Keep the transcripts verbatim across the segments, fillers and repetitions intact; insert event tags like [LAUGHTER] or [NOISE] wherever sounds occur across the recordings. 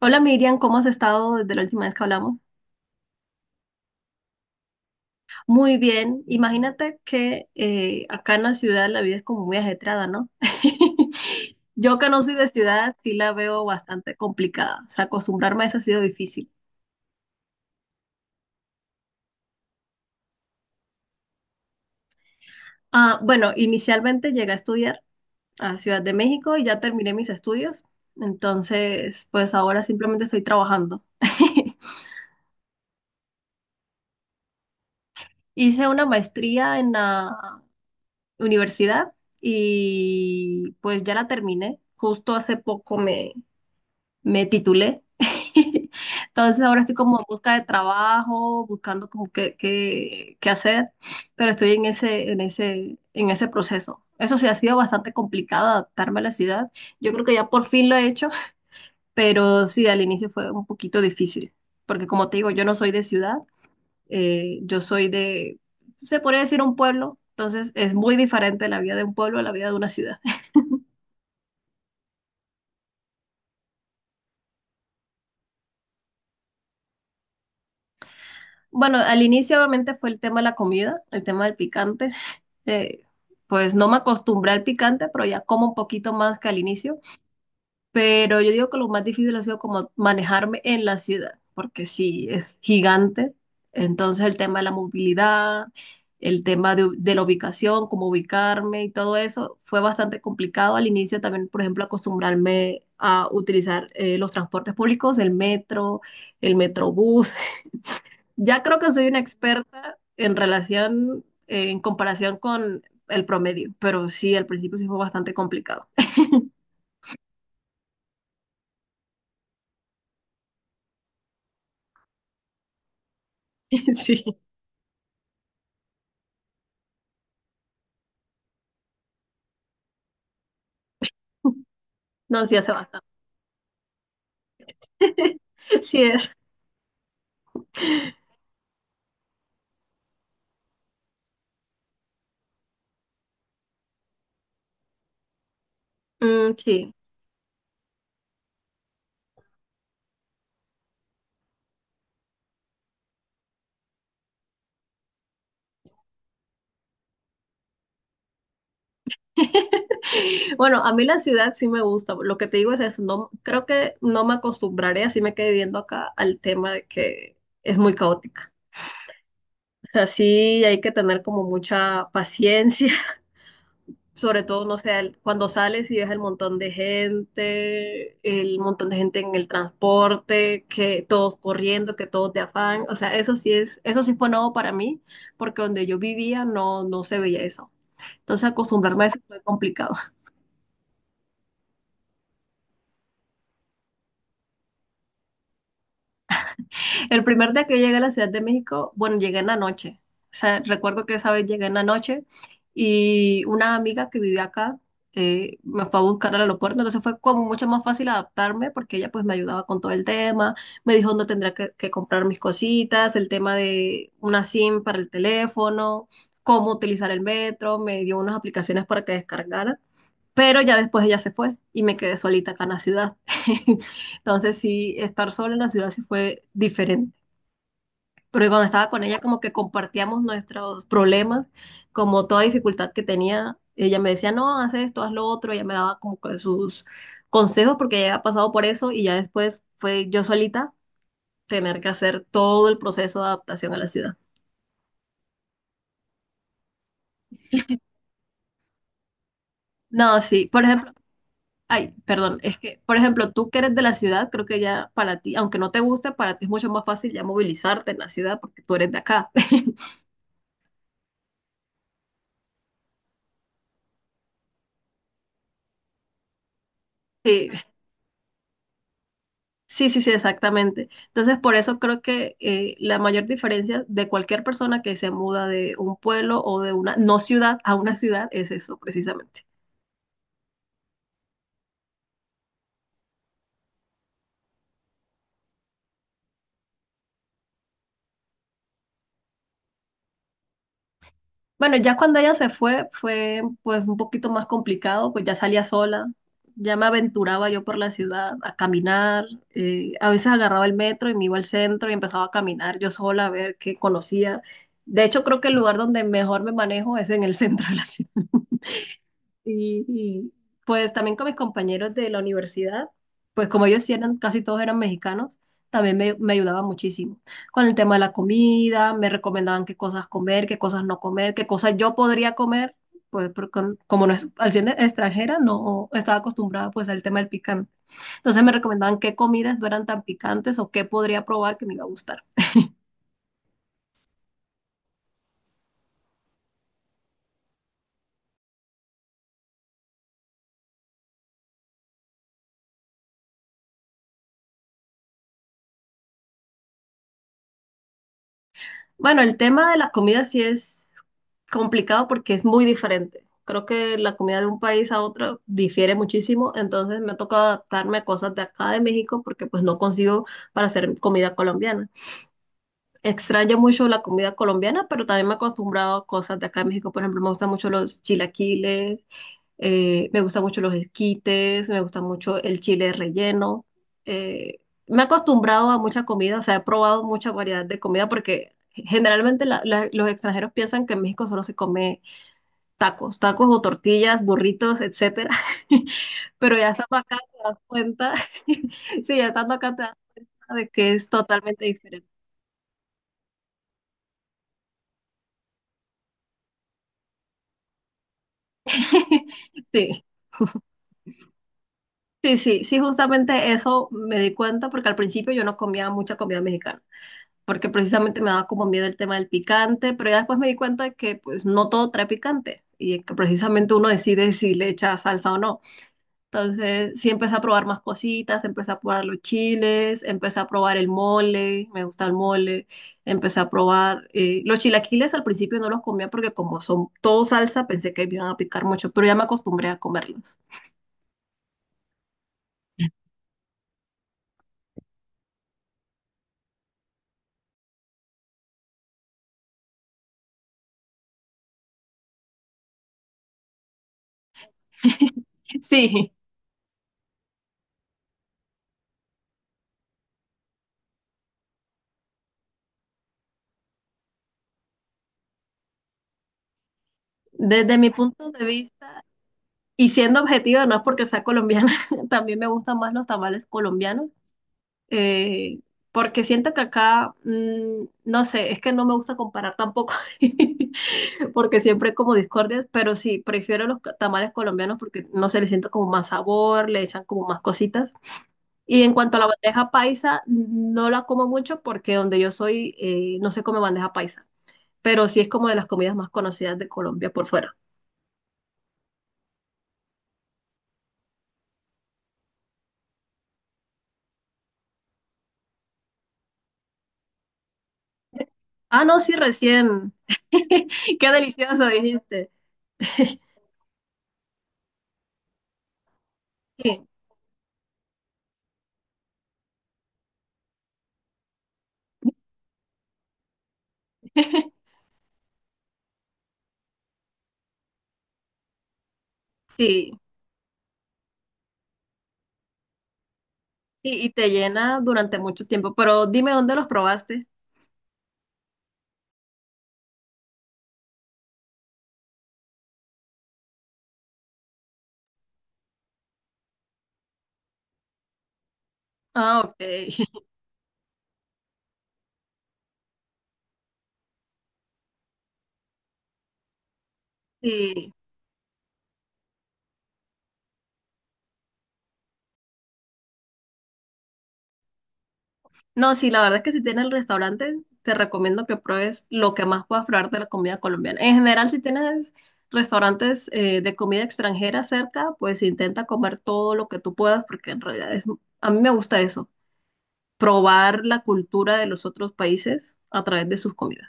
Hola Miriam, ¿cómo has estado desde la última vez que hablamos? Muy bien, imagínate que eh, acá en la ciudad la vida es como muy ajetreada, ¿no? [LAUGHS] Yo que no soy de ciudad, sí la veo bastante complicada, o sea, acostumbrarme a eso ha sido difícil. Ah, bueno, inicialmente llegué a estudiar a Ciudad de México y ya terminé mis estudios, entonces pues ahora simplemente estoy trabajando. [LAUGHS] Hice una maestría en la universidad y pues ya la terminé. Justo hace poco me, me titulé. [LAUGHS] Entonces ahora estoy como en busca de trabajo, buscando como qué, qué, qué hacer, pero estoy en ese, en ese, en ese proceso. Eso sí, ha sido bastante complicado adaptarme a la ciudad. Yo creo que ya por fin lo he hecho, pero sí, al inicio fue un poquito difícil, porque como te digo, yo no soy de ciudad eh, yo soy de, se podría decir un pueblo, entonces es muy diferente la vida de un pueblo a la vida de una ciudad. [LAUGHS] Bueno, al inicio obviamente fue el tema de la comida, el tema del picante. Eh, pues no me acostumbré al picante, pero ya como un poquito más que al inicio. Pero yo digo que lo más difícil ha sido como manejarme en la ciudad, porque sí, es gigante. Entonces el tema de la movilidad, el tema de, de la ubicación, cómo ubicarme y todo eso fue bastante complicado al inicio también, por ejemplo, acostumbrarme a utilizar eh, los transportes públicos, el metro, el metrobús. [LAUGHS] Ya creo que soy una experta en relación, eh, en comparación con el promedio, pero sí, al principio sí fue bastante complicado. [LAUGHS] Sí, no, sí hace bastante. [LAUGHS] Sí es. Mm, sí. [LAUGHS] Bueno, a mí la ciudad sí me gusta. Lo que te digo es eso. No, creo que no me acostumbraré, así me quedé viviendo acá, al tema de que es muy caótica. O sea, sí hay que tener como mucha paciencia, [LAUGHS] sobre todo, no sé, el- cuando sales y ves el montón de gente, el montón de gente en el transporte, que todos corriendo, que todos de afán. O sea, eso sí es, eso sí fue nuevo para mí, porque donde yo vivía no, no se veía eso. Entonces acostumbrarme a eso fue complicado. [LAUGHS] El primer día que yo llegué a la Ciudad de México, bueno, llegué en la noche. O sea, recuerdo que esa vez llegué en la noche y una amiga que vivía acá eh, me fue a buscar al aeropuerto, entonces fue como mucho más fácil adaptarme porque ella pues me ayudaba con todo el tema, me dijo dónde tendría que, que comprar mis cositas, el tema de una SIM para el teléfono, cómo utilizar el metro, me dio unas aplicaciones para que descargara. Pero ya después ella se fue y me quedé solita acá en la ciudad. [LAUGHS] Entonces sí, estar sola en la ciudad sí fue diferente. Pero cuando estaba con ella como que compartíamos nuestros problemas, como toda dificultad que tenía, ella me decía, no, haz esto, haz lo otro, ella me daba como que sus consejos porque ella había pasado por eso y ya después fue yo solita tener que hacer todo el proceso de adaptación a la ciudad. No, sí, por ejemplo, ay, perdón, es que, por ejemplo, tú que eres de la ciudad, creo que ya para ti, aunque no te guste, para ti es mucho más fácil ya movilizarte en la ciudad porque tú eres de acá. [LAUGHS] Sí, sí, sí, sí, exactamente. Entonces, por eso creo que eh, la mayor diferencia de cualquier persona que se muda de un pueblo o de una no ciudad a una ciudad es eso, precisamente. Bueno, ya cuando ella se fue, fue pues un poquito más complicado, pues ya salía sola, ya me aventuraba yo por la ciudad a caminar, eh, a veces agarraba el metro y me iba al centro y empezaba a caminar yo sola a ver qué conocía. De hecho, creo que el lugar donde mejor me manejo es en el [LAUGHS] centro de la ciudad. Y, y, pues también con mis compañeros de la universidad, pues como ellos sí eran, casi todos eran mexicanos, también me, me ayudaba muchísimo con el tema de la comida, me recomendaban qué cosas comer, qué cosas no comer, qué cosas yo podría comer, pues porque como no es, al ser extranjera no estaba acostumbrada pues al tema del picante. Entonces me recomendaban qué comidas no eran tan picantes o qué podría probar que me iba a gustar. Bueno, el tema de la comida sí es complicado porque es muy diferente. Creo que la comida de un país a otro difiere muchísimo, entonces me ha tocado adaptarme a cosas de acá de México porque pues no consigo para hacer comida colombiana. Extraño mucho la comida colombiana, pero también me he acostumbrado a cosas de acá de México. Por ejemplo, me gustan mucho los chilaquiles, eh, me gustan mucho los esquites, me gusta mucho el chile relleno. Eh, Me he acostumbrado a mucha comida, o sea, he probado mucha variedad de comida porque generalmente la- la- los extranjeros piensan que en México solo se come tacos, tacos o tortillas, burritos, etcétera. [LAUGHS] Pero ya estando acá te das cuenta, [LAUGHS] sí, ya estando acá te das cuenta de que es totalmente diferente. [LAUGHS] Sí, sí, sí, sí, justamente eso me di cuenta porque al principio yo no comía mucha comida mexicana, porque precisamente me daba como miedo el tema del picante, pero ya después me di cuenta que pues no todo trae picante y que precisamente uno decide si le echa salsa o no. Entonces sí empecé a probar más cositas, empecé a probar los chiles, empecé a probar el mole, me gusta el mole, empecé a probar eh, los chilaquiles, al principio no los comía porque como son todo salsa pensé que me iban a picar mucho, pero ya me acostumbré a comerlos. [LAUGHS] Sí. Desde mi punto de vista, y siendo objetiva, no es porque sea colombiana, [LAUGHS] también me gustan más los tamales colombianos, eh, porque siento que acá, mm, no sé, es que no me gusta comparar tampoco, [LAUGHS] porque siempre hay como discordias, pero sí, prefiero los ca- tamales colombianos porque, no se le siento como más sabor, le echan como más cositas. Y en cuanto a la bandeja paisa, no la como mucho porque donde yo soy eh, no se come bandeja paisa, pero sí es como de las comidas más conocidas de Colombia por fuera. Ah, no, sí, recién. [LAUGHS] Qué delicioso dijiste. Sí, [LAUGHS] sí, y, y te llena durante mucho tiempo, pero dime dónde los probaste. Ah, ok. [LAUGHS] Sí. No, sí, la verdad es que si tienes el restaurante, te recomiendo que pruebes lo que más puedas probar de la comida colombiana. En general, si tienes restaurantes eh, de comida extranjera cerca, pues intenta comer todo lo que tú puedas, porque en realidad es, a mí me gusta eso, probar la cultura de los otros países a través de sus comidas.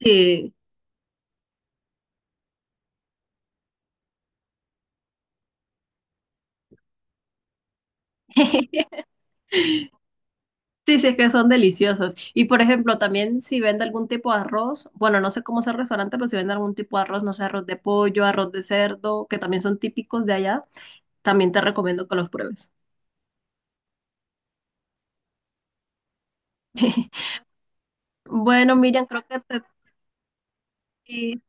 Sí. [LAUGHS] Sí, sí, es que son deliciosos. Y por ejemplo, también si vende algún tipo de arroz, bueno, no sé cómo es el restaurante, pero si vende algún tipo de arroz, no sé, arroz de pollo, arroz de cerdo, que también son típicos de allá, también te recomiendo que los pruebes. [LAUGHS] Bueno, Miriam, creo que te... y-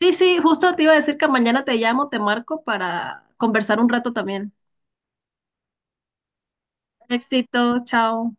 Sí, sí, justo te iba a decir que mañana te llamo, te marco para conversar un rato también. Éxito, chao.